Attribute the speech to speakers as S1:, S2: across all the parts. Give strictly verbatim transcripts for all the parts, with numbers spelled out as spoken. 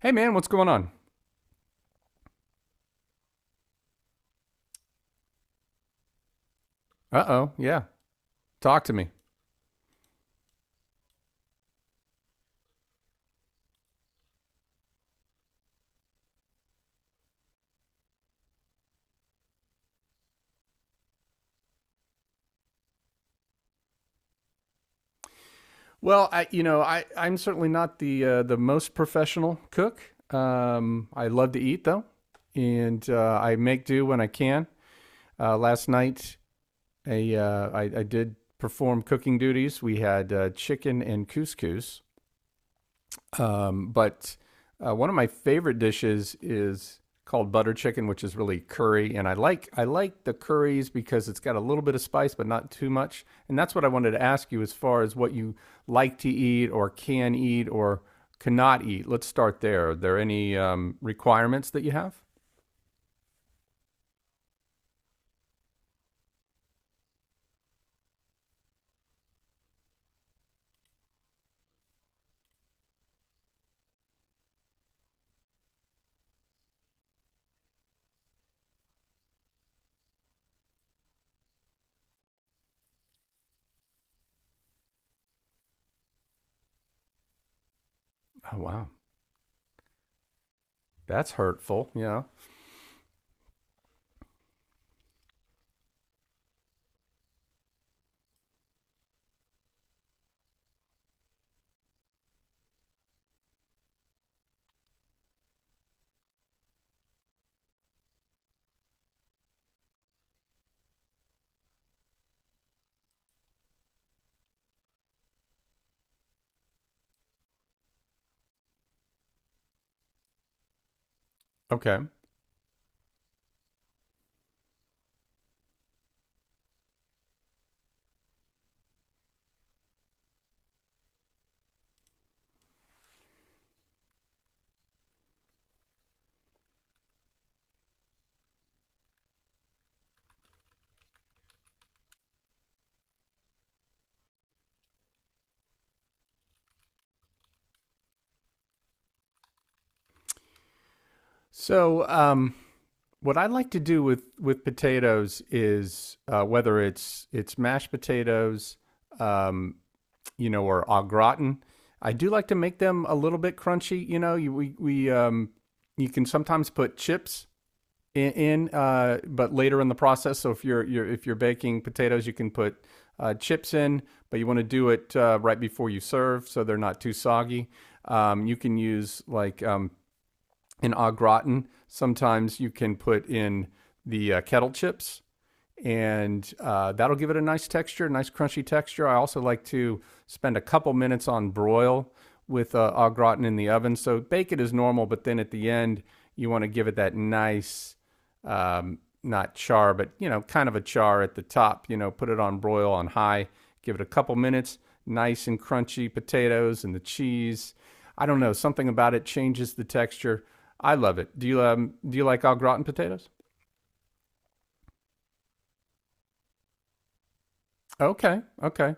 S1: Hey, man, what's going on? Uh oh, yeah. Talk to me. Well, I, you know, I, I'm certainly not the uh, the most professional cook. Um, I love to eat though, and uh, I make do when I can. Uh, last night, a, uh, I, I did perform cooking duties. We had uh, chicken and couscous. Um, but uh, One of my favorite dishes is called butter chicken, which is really curry. And I like I like the curries because it's got a little bit of spice, but not too much. And that's what I wanted to ask you as far as what you like to eat or can eat or cannot eat. Let's start there. Are there any um, requirements that you have? Oh wow, that's hurtful. Yeah. Okay. So um, what I like to do with with potatoes is, uh, whether it's it's mashed potatoes, um, you know, or au gratin. I do like to make them a little bit crunchy. You know, you, we we um, you can sometimes put chips in, in uh, but later in the process. So if you're, you're if you're baking potatoes, you can put uh, chips in, but you want to do it uh, right before you serve, so they're not too soggy. Um, you can use like um, an au gratin. Sometimes you can put in the uh, kettle chips and uh, that'll give it a nice texture, nice crunchy texture. I also like to spend a couple minutes on broil with uh, au gratin in the oven. So bake it as normal, but then at the end you want to give it that nice, um, not char, but you know, kind of a char at the top. You know, put it on broil on high, give it a couple minutes, nice and crunchy potatoes and the cheese. I don't know, something about it changes the texture. I love it. Do you um, do you like au gratin potatoes? Okay, okay.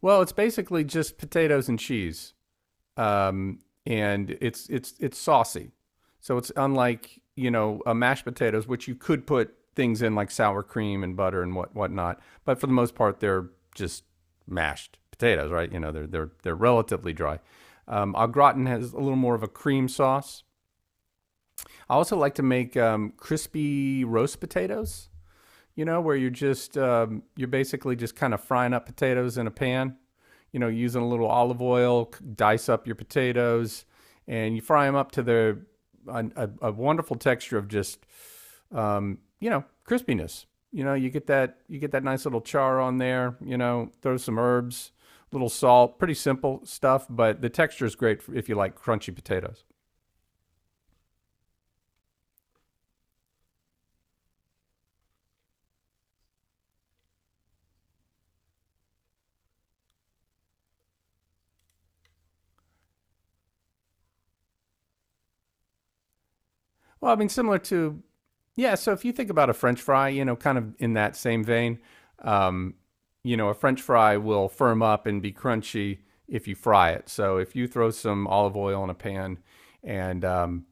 S1: Well, it's basically just potatoes and cheese, um, and it's it's it's saucy. So it's unlike, you know, a mashed potatoes, which you could put things in like sour cream and butter and what whatnot. But for the most part, they're just mashed potatoes, right? You know, they're they're they're relatively dry. Um, au gratin has a little more of a cream sauce. I also like to make um, crispy roast potatoes, you know, where you're just, um, you're basically just kind of frying up potatoes in a pan. You know, using a little olive oil, dice up your potatoes, and you fry them up to the a, a, a wonderful texture of just, um, you know, crispiness. You know, you get that you get that nice little char on there. You know, throw some herbs, little salt. Pretty simple stuff, but the texture is great if you like crunchy potatoes. Well, I mean, similar to, yeah. So if you think about a French fry, you know, kind of in that same vein, um, you know, a French fry will firm up and be crunchy if you fry it. So if you throw some olive oil in a pan and, um,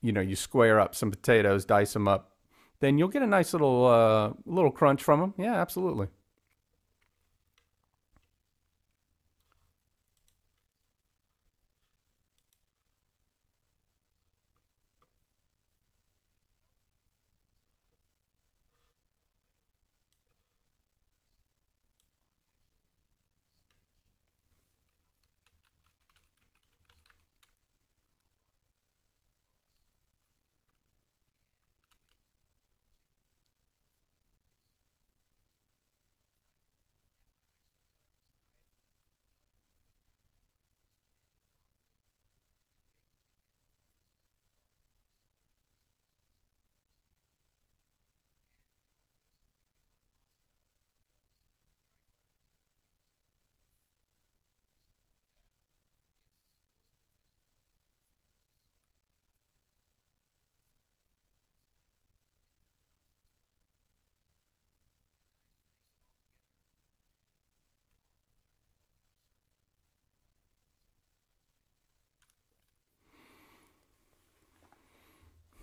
S1: you know, you square up some potatoes, dice them up, then you'll get a nice little, uh, little crunch from them. Yeah, absolutely.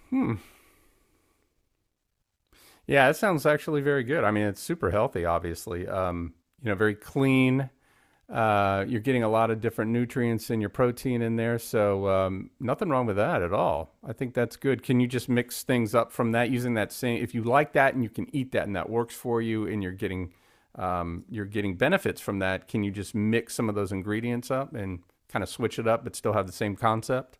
S1: Hmm. Yeah, that sounds actually very good. I mean, it's super healthy, obviously. Um, you know, very clean. Uh, you're getting a lot of different nutrients in your protein in there, so um, nothing wrong with that at all. I think that's good. Can you just mix things up from that using that same? If you like that and you can eat that and that works for you, and you're getting um, you're getting benefits from that, can you just mix some of those ingredients up and kind of switch it up, but still have the same concept?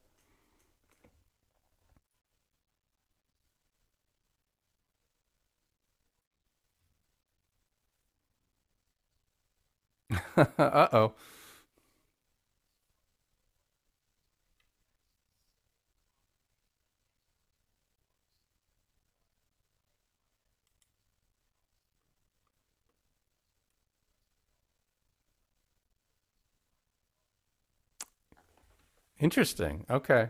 S1: Uh oh, interesting. Okay,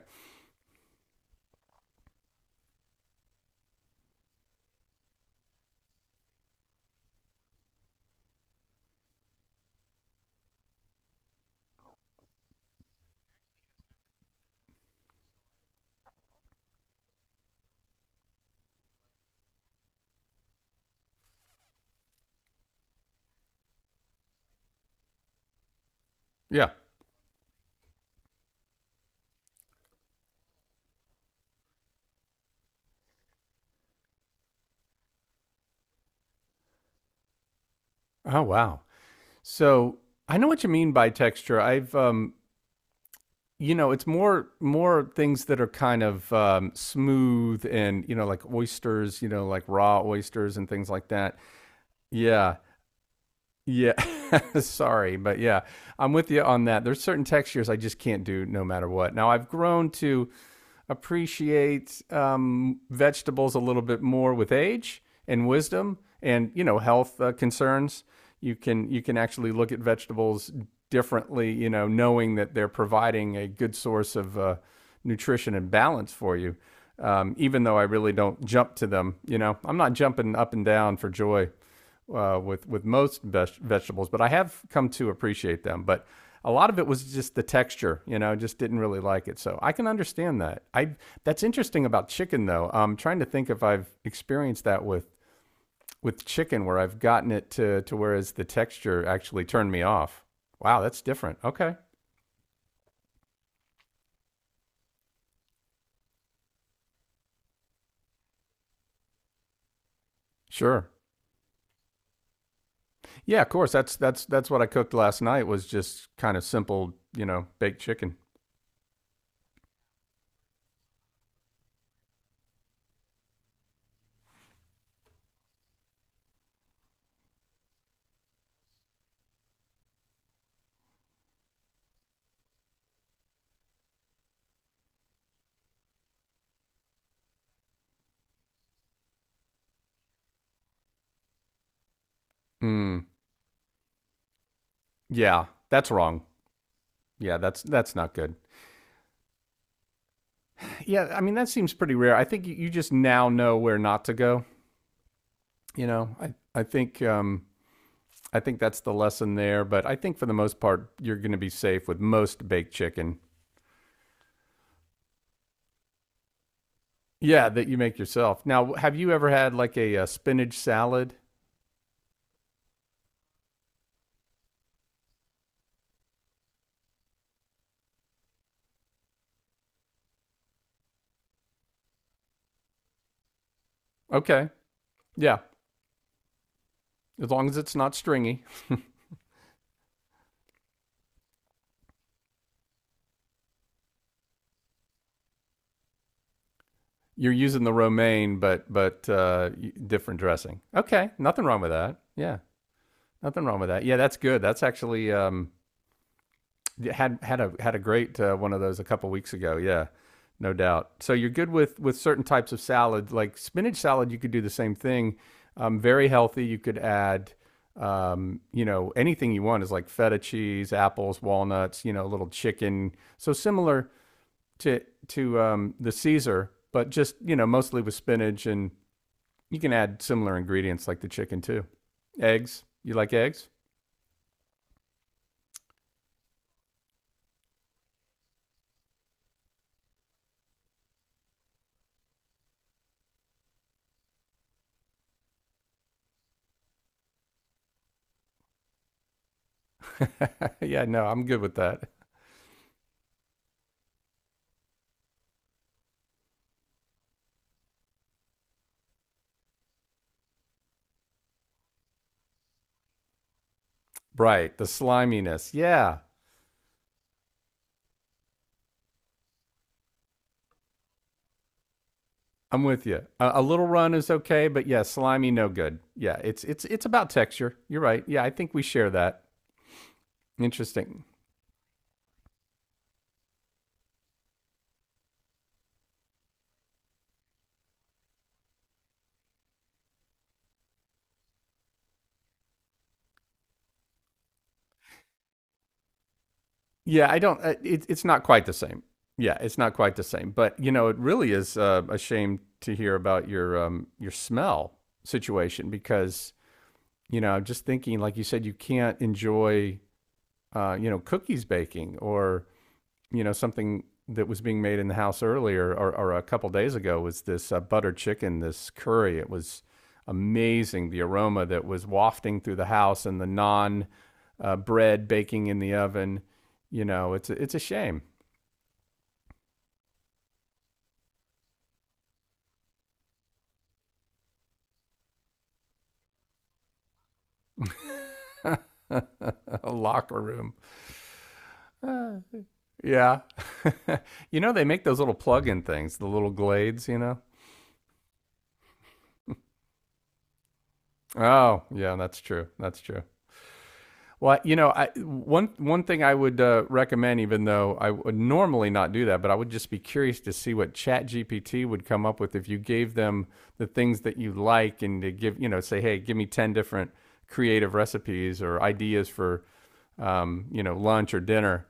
S1: yeah. Oh wow. So I know what you mean by texture. I've um, You know, it's more more things that are kind of, um, smooth, and you know, like oysters, you know, like raw oysters and things like that. Yeah, yeah. Sorry, but yeah, I'm with you on that. There's certain textures I just can't do no matter what. Now I've grown to appreciate um, vegetables a little bit more with age and wisdom and you know, health uh, concerns. You can you can actually look at vegetables differently, you know, knowing that they're providing a good source of uh, nutrition and balance for you. Um, even though I really don't jump to them, you know, I'm not jumping up and down for joy uh, with with most veg- vegetables, but I have come to appreciate them. But a lot of it was just the texture, you know, just didn't really like it. So I can understand that. I That's interesting about chicken though. I'm trying to think if I've experienced that with with chicken where I've gotten it to to whereas the texture actually turned me off. Wow, that's different. Okay. Sure. Yeah, of course. That's that's that's what I cooked last night, was just kind of simple, you know, baked chicken. Mm, yeah, that's wrong. Yeah, that's that's not good. Yeah, I mean that seems pretty rare. I think you- just now know where not to go. You know, I I think um, I think that's the lesson there. But I think for the most part, you're going to be safe with most baked chicken. Yeah, that you make yourself. Now, have you ever had like a, uh, spinach salad? Okay, yeah, as long as it's not stringy. You're using the romaine, but but uh, different dressing. Okay, nothing wrong with that. Yeah, nothing wrong with that. Yeah, that's good. That's actually, um, yeah, had had a had a great, uh, one of those a couple weeks ago. Yeah, no doubt. So you're good with with certain types of salad, like spinach salad. You could do the same thing. Um, very healthy. You could add, um, you know, anything you want, is like feta cheese, apples, walnuts. You know, a little chicken. So similar to to um, the Caesar, but just you know, mostly with spinach, and you can add similar ingredients like the chicken too. Eggs. You like eggs? Yeah. No, I'm good with that. Right. The sliminess. Yeah. I'm with you. A, a little run is okay, but yeah, slimy no good. Yeah, it's it's it's about texture. You're right. Yeah, I think we share that. Interesting. Yeah, I don't. Uh, It, it's not quite the same. Yeah, it's not quite the same. But you know, it really is uh, a shame to hear about your, um, your smell situation, because you know I'm just thinking, like you said, you can't enjoy uh, you know, cookies baking, or you know, something that was being made in the house earlier, or, or a couple days ago was this, uh, butter chicken, this curry. It was amazing, the aroma that was wafting through the house, and the non uh, bread baking in the oven. You know, it's a, it's a shame. A locker room. Yeah. You know, they make those little plug in things, the little glades, you know? Oh, yeah, that's true. That's true. Well, you know, I, one one thing I would uh, recommend, even though I would normally not do that, but I would just be curious to see what ChatGPT would come up with if you gave them the things that you like and to give, you know, say, hey, give me ten different creative recipes or ideas for, um, you know, lunch or dinner.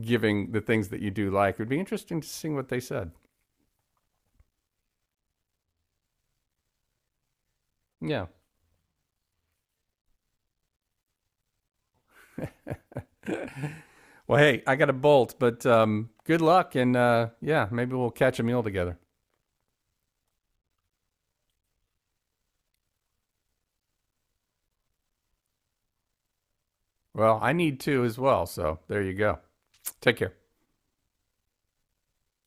S1: Giving the things that you do like, it would be interesting to see what they said. Yeah. Well, hey, I got to bolt, but um, good luck, and uh, yeah, maybe we'll catch a meal together. Well, I need to as well, so there you go. Take care.